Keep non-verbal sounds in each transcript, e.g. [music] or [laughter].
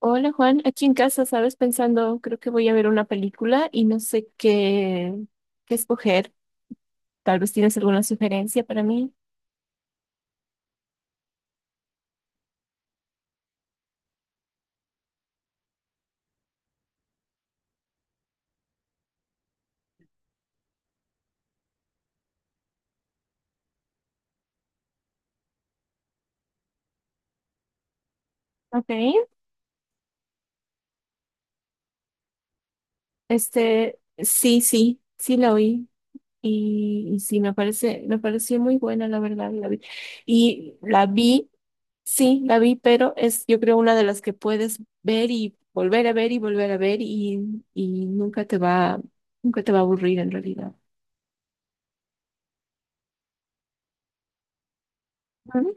Hola Juan, aquí en casa, ¿sabes? Pensando, creo que voy a ver una película y no sé qué escoger. Tal vez tienes alguna sugerencia para mí. Ok. Este, sí, sí, sí la oí. Y sí, me pareció muy buena, la verdad, la vi. Y la vi, sí, la vi, pero es, yo creo, una de las que puedes ver y volver a ver y volver a ver y nunca te va a aburrir en realidad. Ujú.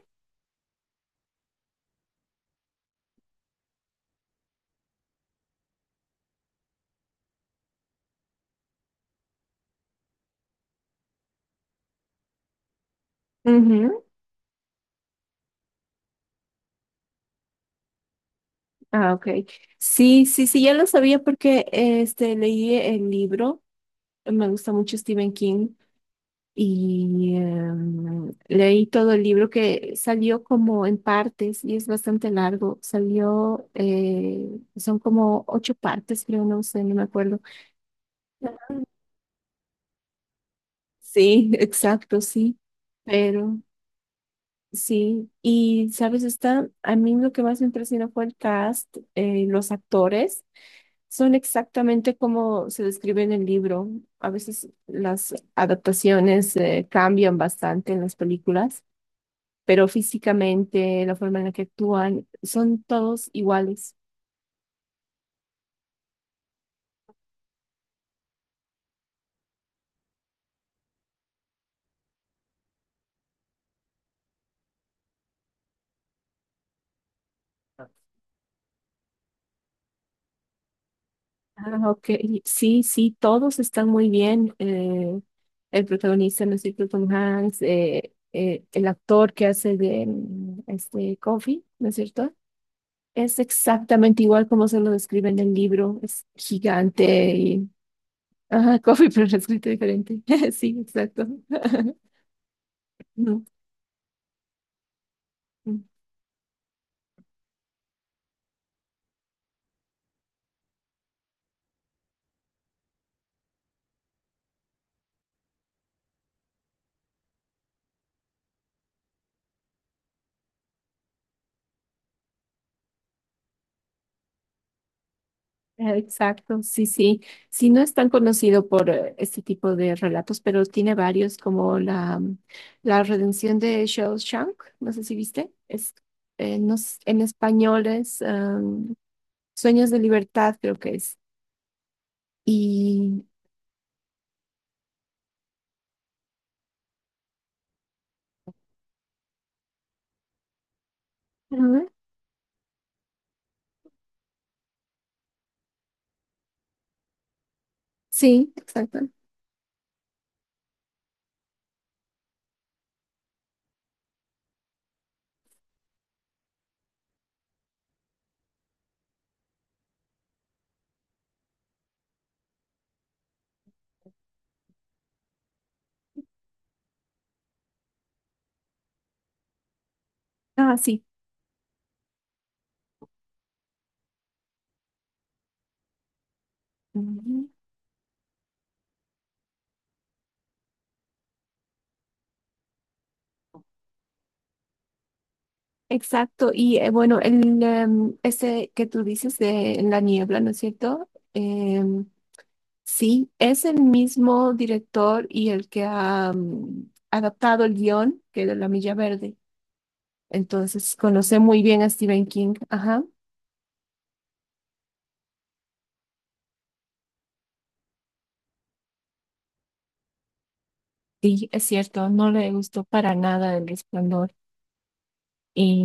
Ujú. Ah, ok. Sí, sí, sí, ya lo sabía porque este, leí el libro, me gusta mucho Stephen King y leí todo el libro que salió como en partes y es bastante largo, salió, son como ocho partes, creo, no sé, no me acuerdo. Sí, [laughs] exacto, sí, pero. Sí, y sabes, a mí lo que más me impresionó fue el cast, los actores son exactamente como se describe en el libro. A veces las adaptaciones, cambian bastante en las películas, pero físicamente, la forma en la que actúan, son todos iguales. Ah, ok. Sí, sí, todos están muy bien. El protagonista, no sé, Tom Hanks, el actor que hace de este Coffee, ¿no es cierto? Es exactamente igual como se lo describe en el libro. Es gigante y. Ajá, [laughs] Coffee, pero lo escrito diferente. [laughs] Sí, exacto. [laughs] No. Exacto, sí, sí. Sí, no es tan conocido por este tipo de relatos, pero tiene varios, como la redención de Shawshank, no sé si viste, es, no en español es Sueños de Libertad, creo que es. Y Ujú. Sí, exacto. Ah, sí. Ujú. Exacto. Y bueno, ese que tú dices de en la niebla, ¿no es cierto? Em, Sí, es el mismo director y el que ha adaptado el guión que de La Milla Verde. Entonces, conoce muy bien a Stephen King. Ajá. Sí, es cierto, no le gustó para nada El Resplandor. Y,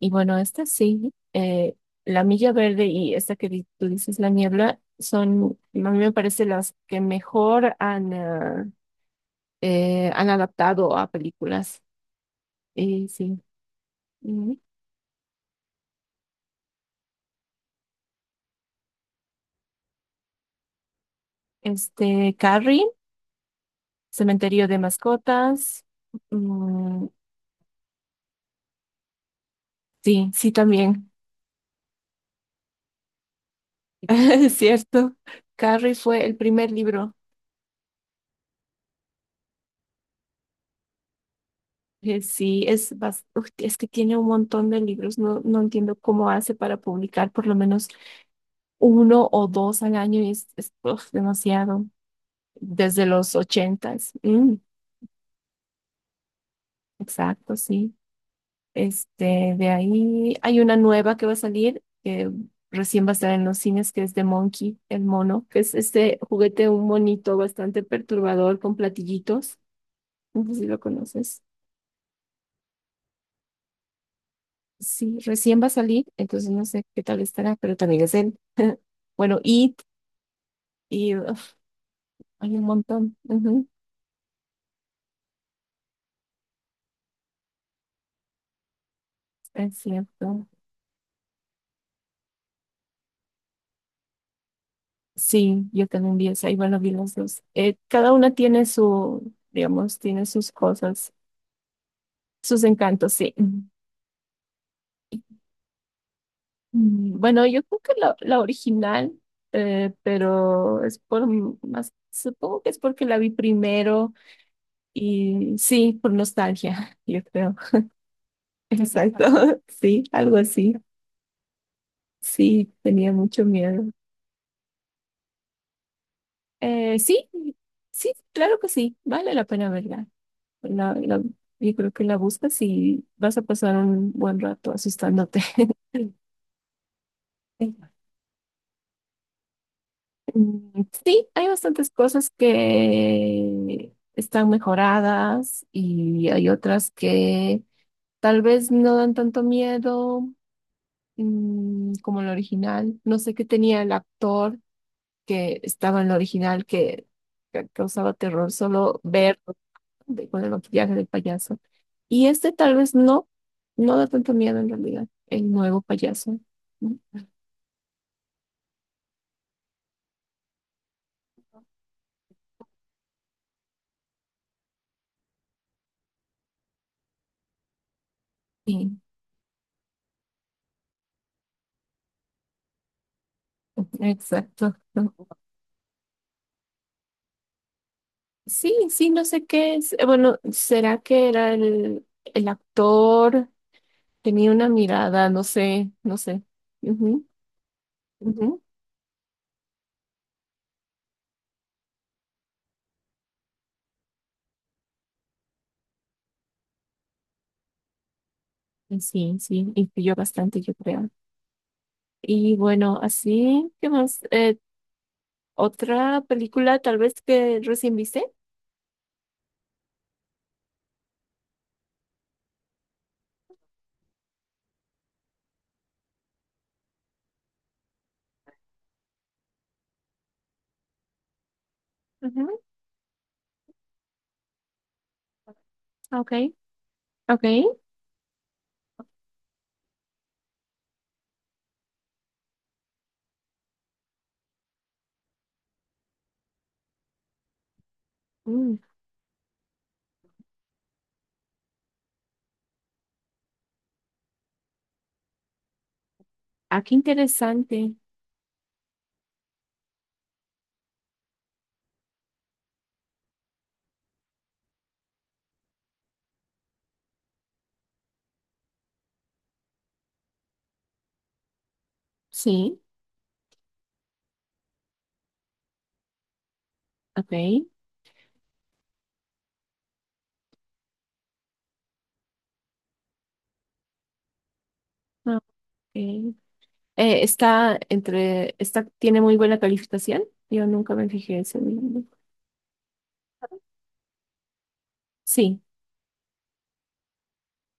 y bueno, esta sí, La Milla Verde y esta que tú dices, La Niebla, son, a mí me parece, las que mejor han adaptado a películas. Y sí. Ujú. Este, Carrie. Cementerio de mascotas. Mm, sí, sí, también. [laughs] Es cierto. Carrie fue el primer libro. Sí, uf, es que tiene un montón de libros. No, no entiendo cómo hace para publicar por lo menos uno o dos al año. Y es, uf, demasiado. Desde los ochentas. Exacto, sí. Este, de ahí hay una nueva que va a salir, que recién va a estar en los cines, que es de Monkey, el mono, que es este juguete, un monito bastante perturbador con platillitos. No sé si lo conoces. Sí, recién va a salir, entonces no sé qué tal estará, pero también es él. [laughs] Bueno, It, y uf, hay un montón. Ujú, es cierto. Sí, yo también vi esa, y bueno, vi los dos. Cada una tiene su, digamos, tiene sus cosas, sus encantos, sí. Bueno, yo creo que la original, pero es por más, supongo que es porque la vi primero y sí, por nostalgia, yo creo. [laughs] Exacto, [laughs] sí, algo así. Sí, tenía mucho miedo. Sí, sí, claro que sí, vale la pena verla. La, la- yo creo que la buscas y vas a pasar un buen rato asustándote. [laughs] Sí, hay bastantes cosas que están mejoradas y hay otras que tal vez no dan tanto miedo como el original. No sé qué tenía el actor que estaba en el original que causaba terror solo ver con el maquillaje del payaso. Y este tal vez no, no da tanto miedo en realidad, el nuevo payaso. Mm, Sí, [laughs] exacto. Sí, sí, no sé qué es. Bueno, ¿será que era el actor? Tenía una mirada, no sé, no sé. Ujú, ujú. Y sí, sí, influyó bastante, yo creo. Y bueno, así, ¿qué más? ¿Otra película tal vez que recién viste? Ujú, ok, ok. Mm, ah, qué interesante. Sí, ok. Ah, ok, está, tiene muy buena calificación. Yo nunca me fijé en ese libro. Sí.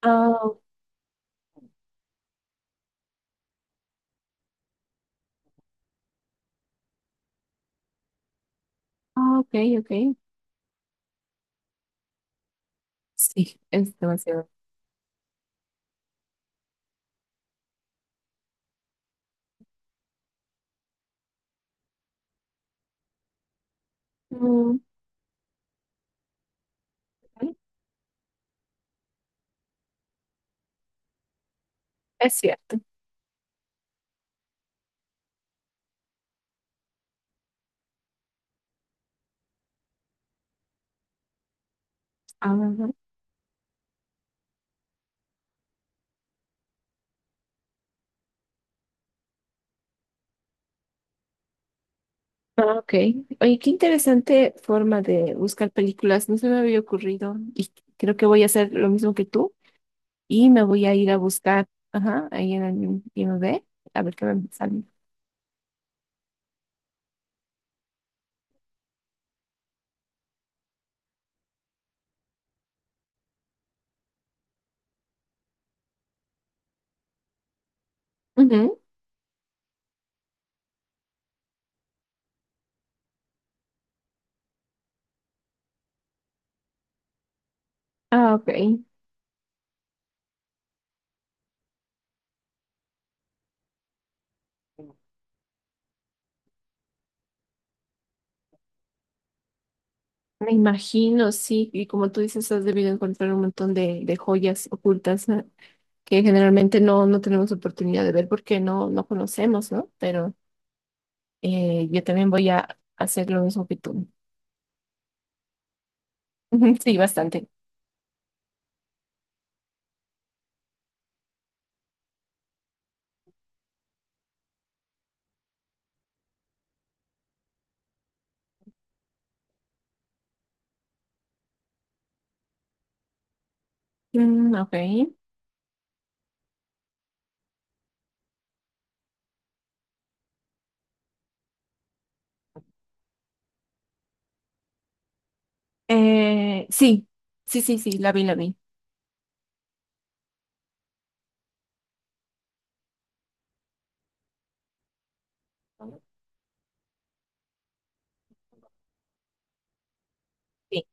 Ah, ah, ok, ok. Sí, es demasiado. Mm, es cierto. Ah, ah, ok. Oye, qué interesante forma de buscar películas. No se me había ocurrido. Y creo que voy a hacer lo mismo que tú. Y me voy a ir a buscar, ajá, ahí en el IMDb, a ver qué me sale. Ujú. Ah, ok. Me imagino, sí, y como tú dices, has debido encontrar un montón de joyas ocultas, ¿no? Que generalmente no, no tenemos oportunidad de ver porque no, no conocemos, ¿no? Pero yo también voy a hacer lo mismo que tú. [laughs] Sí, bastante. Ok. Sí, sí, sí, sí, la vi, la vi. Sí,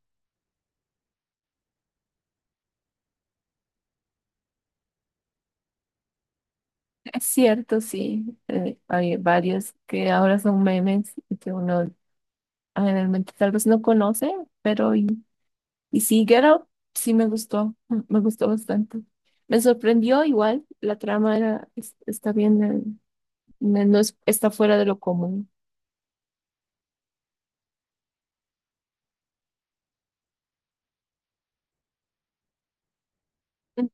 [laughs] es cierto, sí. Hay varios que ahora son memes y que uno generalmente tal vez no conoce, pero. Y sí, Get Out sí me gustó, me gustó bastante. Me sorprendió igual, la trama era, está bien, no no está fuera de lo común. Mm,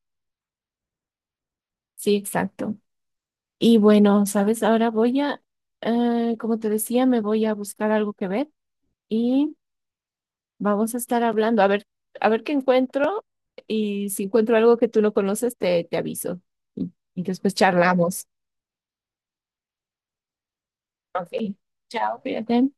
Sí, exacto. Y bueno, sabes, ahora voy a, como te decía, me voy a buscar algo que ver y vamos a estar hablando, a ver qué encuentro y si encuentro algo que tú no conoces, te aviso y después charlamos. Ok, chao, cuídate.